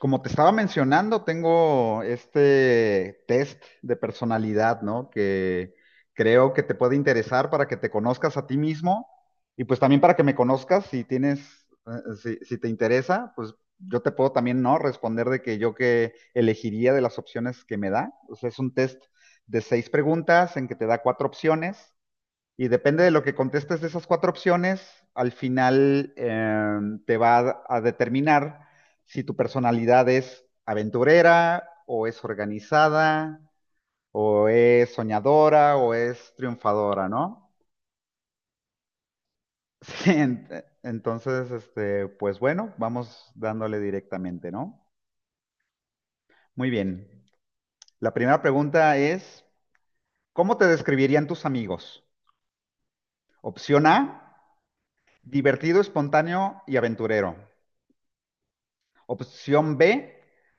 Como te estaba mencionando, tengo este test de personalidad, ¿no? Que creo que te puede interesar para que te conozcas a ti mismo y pues también para que me conozcas si tienes, si te interesa, pues yo te puedo también, ¿no? Responder de que yo que elegiría de las opciones que me da. O sea, es un test de seis preguntas en que te da cuatro opciones y depende de lo que contestes de esas cuatro opciones, al final te va a, determinar si tu personalidad es aventurera o es organizada o es soñadora o es triunfadora, ¿no? Sí, entonces, este, pues bueno, vamos dándole directamente, ¿no? Muy bien. La primera pregunta es, ¿cómo te describirían tus amigos? Opción A, divertido, espontáneo y aventurero. Opción B,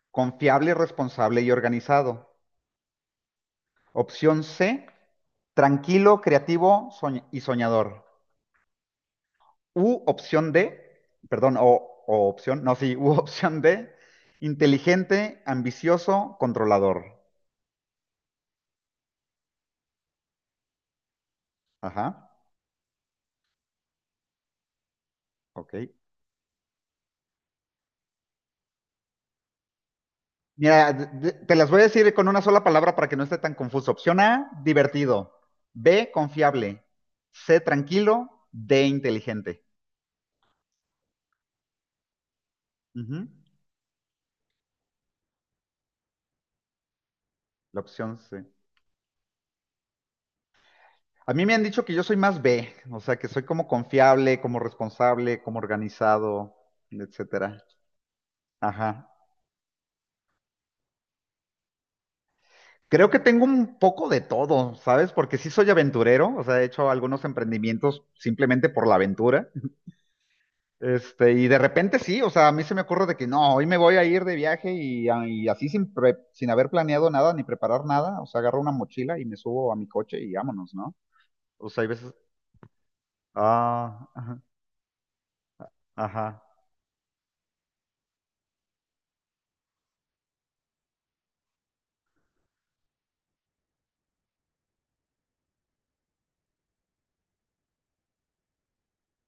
confiable, responsable y organizado. Opción C, tranquilo, creativo y soñador. U opción D, perdón, o opción, no, sí, u opción D, inteligente, ambicioso, controlador. Ajá, ok. Mira, te las voy a decir con una sola palabra para que no esté tan confuso. Opción A, divertido. B, confiable. C, tranquilo. D, inteligente. Ujú. La opción C. A mí me han dicho que yo soy más B, o sea, que soy como confiable, como responsable, como organizado, etcétera. Ajá. Creo que tengo un poco de todo, ¿sabes? Porque sí soy aventurero, o sea, he hecho algunos emprendimientos simplemente por la aventura. Este, y de repente sí, o sea, a mí se me ocurre de que no, hoy me voy a ir de viaje y, y así sin, sin haber planeado nada ni preparar nada, o sea, agarro una mochila y me subo a mi coche y vámonos, ¿no? O sea, hay veces, ah, ajá, ajá,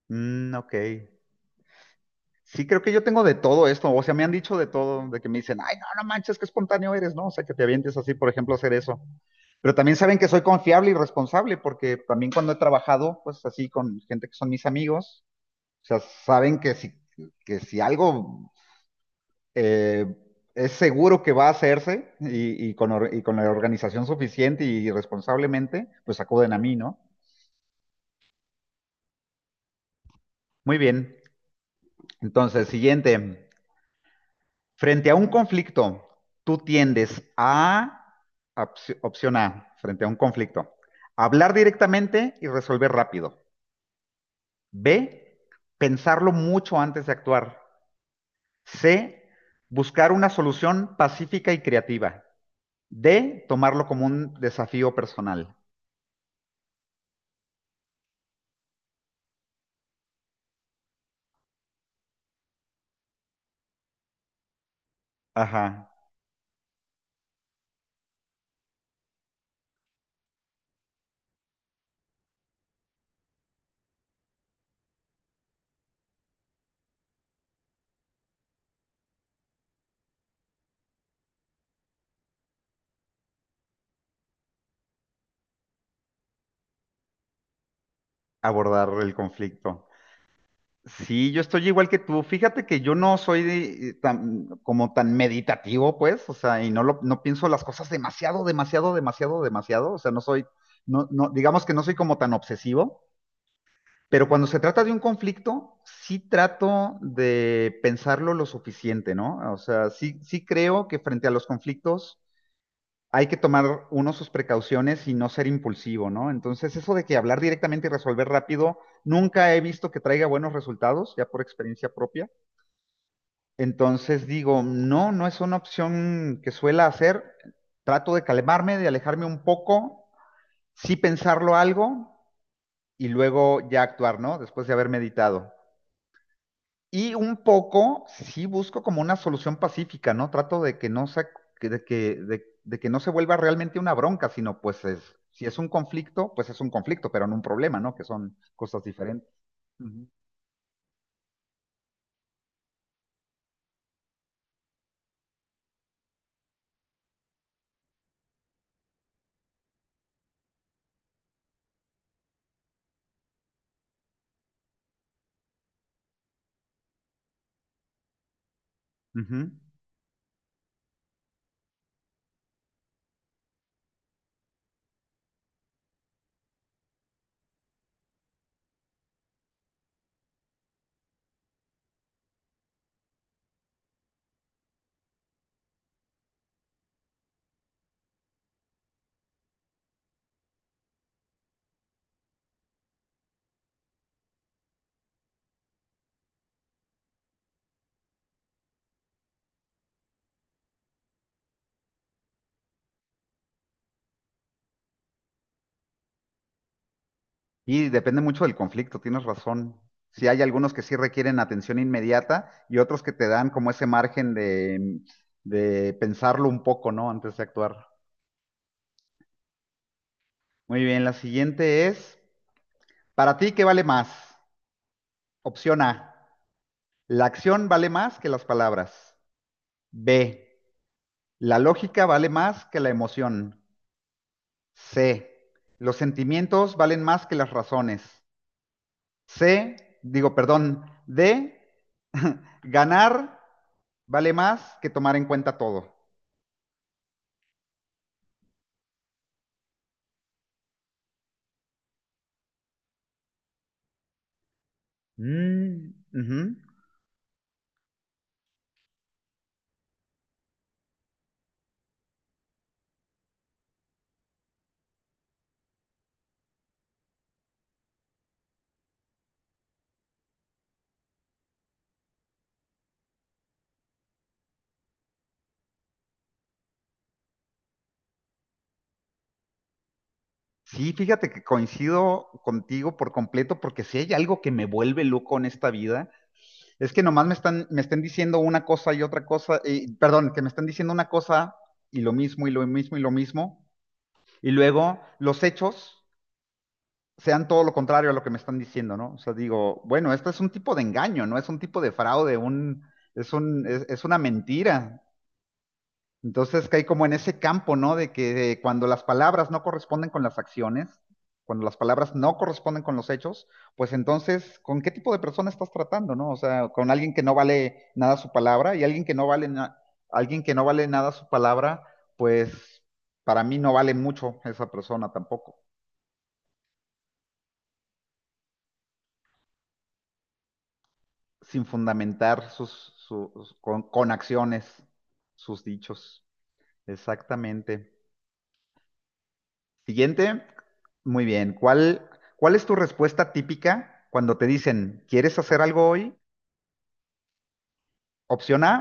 mm, ok. Sí, creo que yo tengo de todo esto, o sea, me han dicho de todo, de que me dicen, ay, no, no manches, qué espontáneo eres, ¿no? O sea, que te avientes así, por ejemplo, a hacer eso. Pero también saben que soy confiable y responsable, porque también cuando he trabajado, pues así, con gente que son mis amigos, o sea, saben que si, algo eh, es seguro que va a hacerse y, y con la organización suficiente y responsablemente, pues acuden a mí, ¿no? Muy bien. Entonces, siguiente. Frente a un conflicto, tú tiendes a, opción A, frente a un conflicto, hablar directamente y resolver rápido. B, pensarlo mucho antes de actuar. C, buscar una solución pacífica y creativa. D, tomarlo como un desafío personal. Ajá, abordar el conflicto. Sí, yo estoy igual que tú. Fíjate que yo no soy tan, como tan meditativo, pues, o sea, y no, no pienso las cosas demasiado, demasiado, demasiado, demasiado. O sea, no soy, no, no, digamos que no soy como tan obsesivo, pero cuando se trata de un conflicto, sí trato de pensarlo lo suficiente, ¿no? O sea, sí, sí creo que frente a los conflictos hay que tomar uno sus precauciones y no ser impulsivo, ¿no? Entonces, eso de que hablar directamente y resolver rápido, nunca he visto que traiga buenos resultados, ya por experiencia propia. Entonces digo, no, no es una opción que suela hacer. Trato de calmarme, de alejarme un poco, sí pensarlo algo y luego ya actuar, ¿no? Después de haber meditado. Y un poco sí busco como una solución pacífica, ¿no? Trato de que no se, de que no se vuelva realmente una bronca, sino pues es, si es un conflicto, pues es un conflicto, pero no un problema, ¿no? Que son cosas diferentes. Ujú. Ujú. Y depende mucho del conflicto, tienes razón. Si hay algunos que sí requieren atención inmediata y otros que te dan como ese margen de pensarlo un poco, ¿no? Antes de actuar. Muy bien, la siguiente es, ¿para ti qué vale más? Opción A. La acción vale más que las palabras. B. La lógica vale más que la emoción. C. Los sentimientos valen más que las razones. C. Digo, perdón. D. Ganar vale más que tomar en cuenta todo. Mm, ujú. Sí, fíjate que coincido contigo por completo porque si hay algo que me vuelve loco en esta vida es que nomás me están diciendo una cosa y otra cosa, y, perdón, que me están diciendo una cosa y lo mismo y lo mismo y lo mismo, y luego los hechos sean todo lo contrario a lo que me están diciendo, ¿no? O sea, digo, bueno, esto es un tipo de engaño, ¿no? Es un tipo de fraude, es una mentira. Entonces caí como en ese campo, ¿no? De que cuando las palabras no corresponden con las acciones, cuando las palabras no corresponden con los hechos, pues entonces, ¿con qué tipo de persona estás tratando, no? O sea, con alguien que no vale nada su palabra y alguien que no vale alguien que no vale nada su palabra, pues para mí no vale mucho esa persona tampoco, sin fundamentar sus, sus- con acciones sus dichos. Exactamente. Siguiente. Muy bien. ¿Cuál es tu respuesta típica cuando te dicen, ¿quieres hacer algo hoy? Opción A,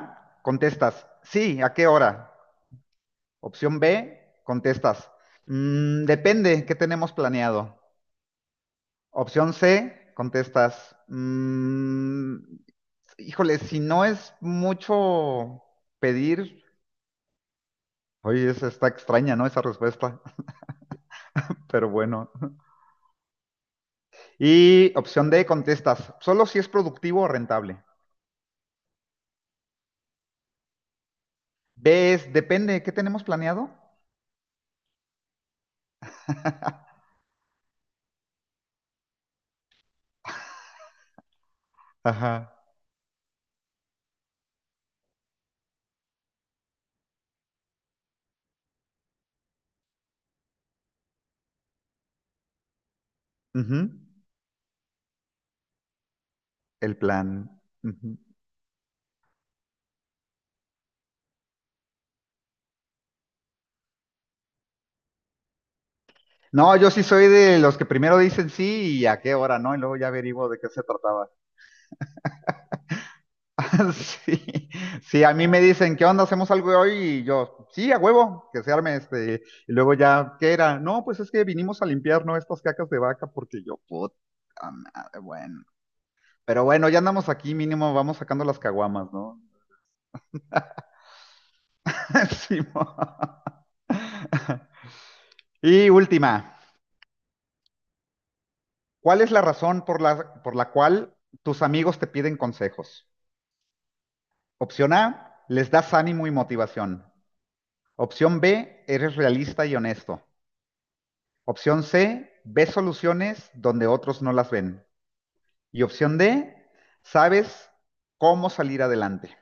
contestas, sí, ¿a qué hora? Opción B, contestas, "Mm, depende, ¿qué tenemos planeado?" Opción C, contestas, "Mm, híjole, si no es mucho pedir", oye, esa está extraña, ¿no? Esa respuesta, pero bueno. Y opción D, contestas, solo si es productivo o rentable. Ves, depende, ¿qué tenemos planeado? Ajá. Ujú. El plan. Ujú. No, yo sí soy de los que primero dicen sí y a qué hora, ¿no? Y luego ya averiguo de qué se trataba. Sí, sí, a mí me dicen, ¿qué onda? ¿Hacemos algo hoy? Y yo, sí, a huevo, que se arme este. Y luego ya, ¿qué era? No, pues es que vinimos a limpiar, ¿no? Estas cacas de vaca, porque yo, puta madre, bueno. Pero bueno, ya andamos aquí, mínimo, vamos sacando las caguamas, ¿no? Sí, y última. ¿Cuál es la razón por la cual tus amigos te piden consejos? Opción A, les das ánimo y motivación. Opción B, eres realista y honesto. Opción C, ves soluciones donde otros no las ven. Y opción D, sabes cómo salir adelante.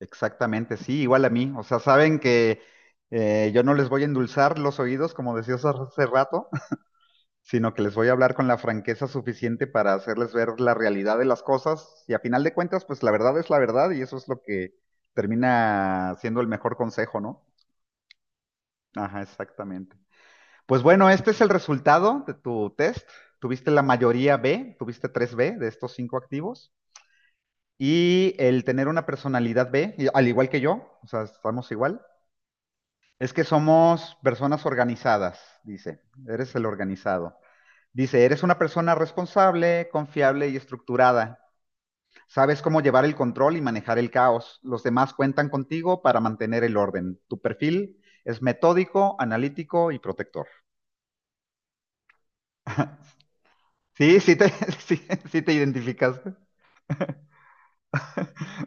Exactamente, sí, igual a mí. O sea, saben que yo no les voy a endulzar los oídos, como decías hace rato. Sino que les voy a hablar con la franqueza suficiente para hacerles ver la realidad de las cosas y a final de cuentas, pues la verdad es la verdad y eso es lo que termina siendo el mejor consejo, ¿no? Ajá, exactamente. Pues bueno, este es el resultado de tu test. Tuviste la mayoría B, tuviste tres b de estos cinco activos y el tener una personalidad B, al igual que yo, o sea, estamos igual, es que somos personas organizadas, dice, eres el organizado. Dice, eres una persona responsable, confiable y estructurada. Sabes cómo llevar el control y manejar el caos. Los demás cuentan contigo para mantener el orden. Tu perfil es metódico, analítico y protector. Sí, sí te, sí, sí te identificaste.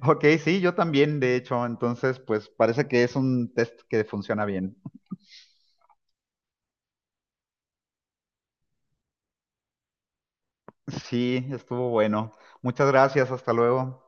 Ok, sí, yo también, de hecho. Entonces, pues parece que es un test que funciona bien. Sí, estuvo bueno. Muchas gracias, hasta luego.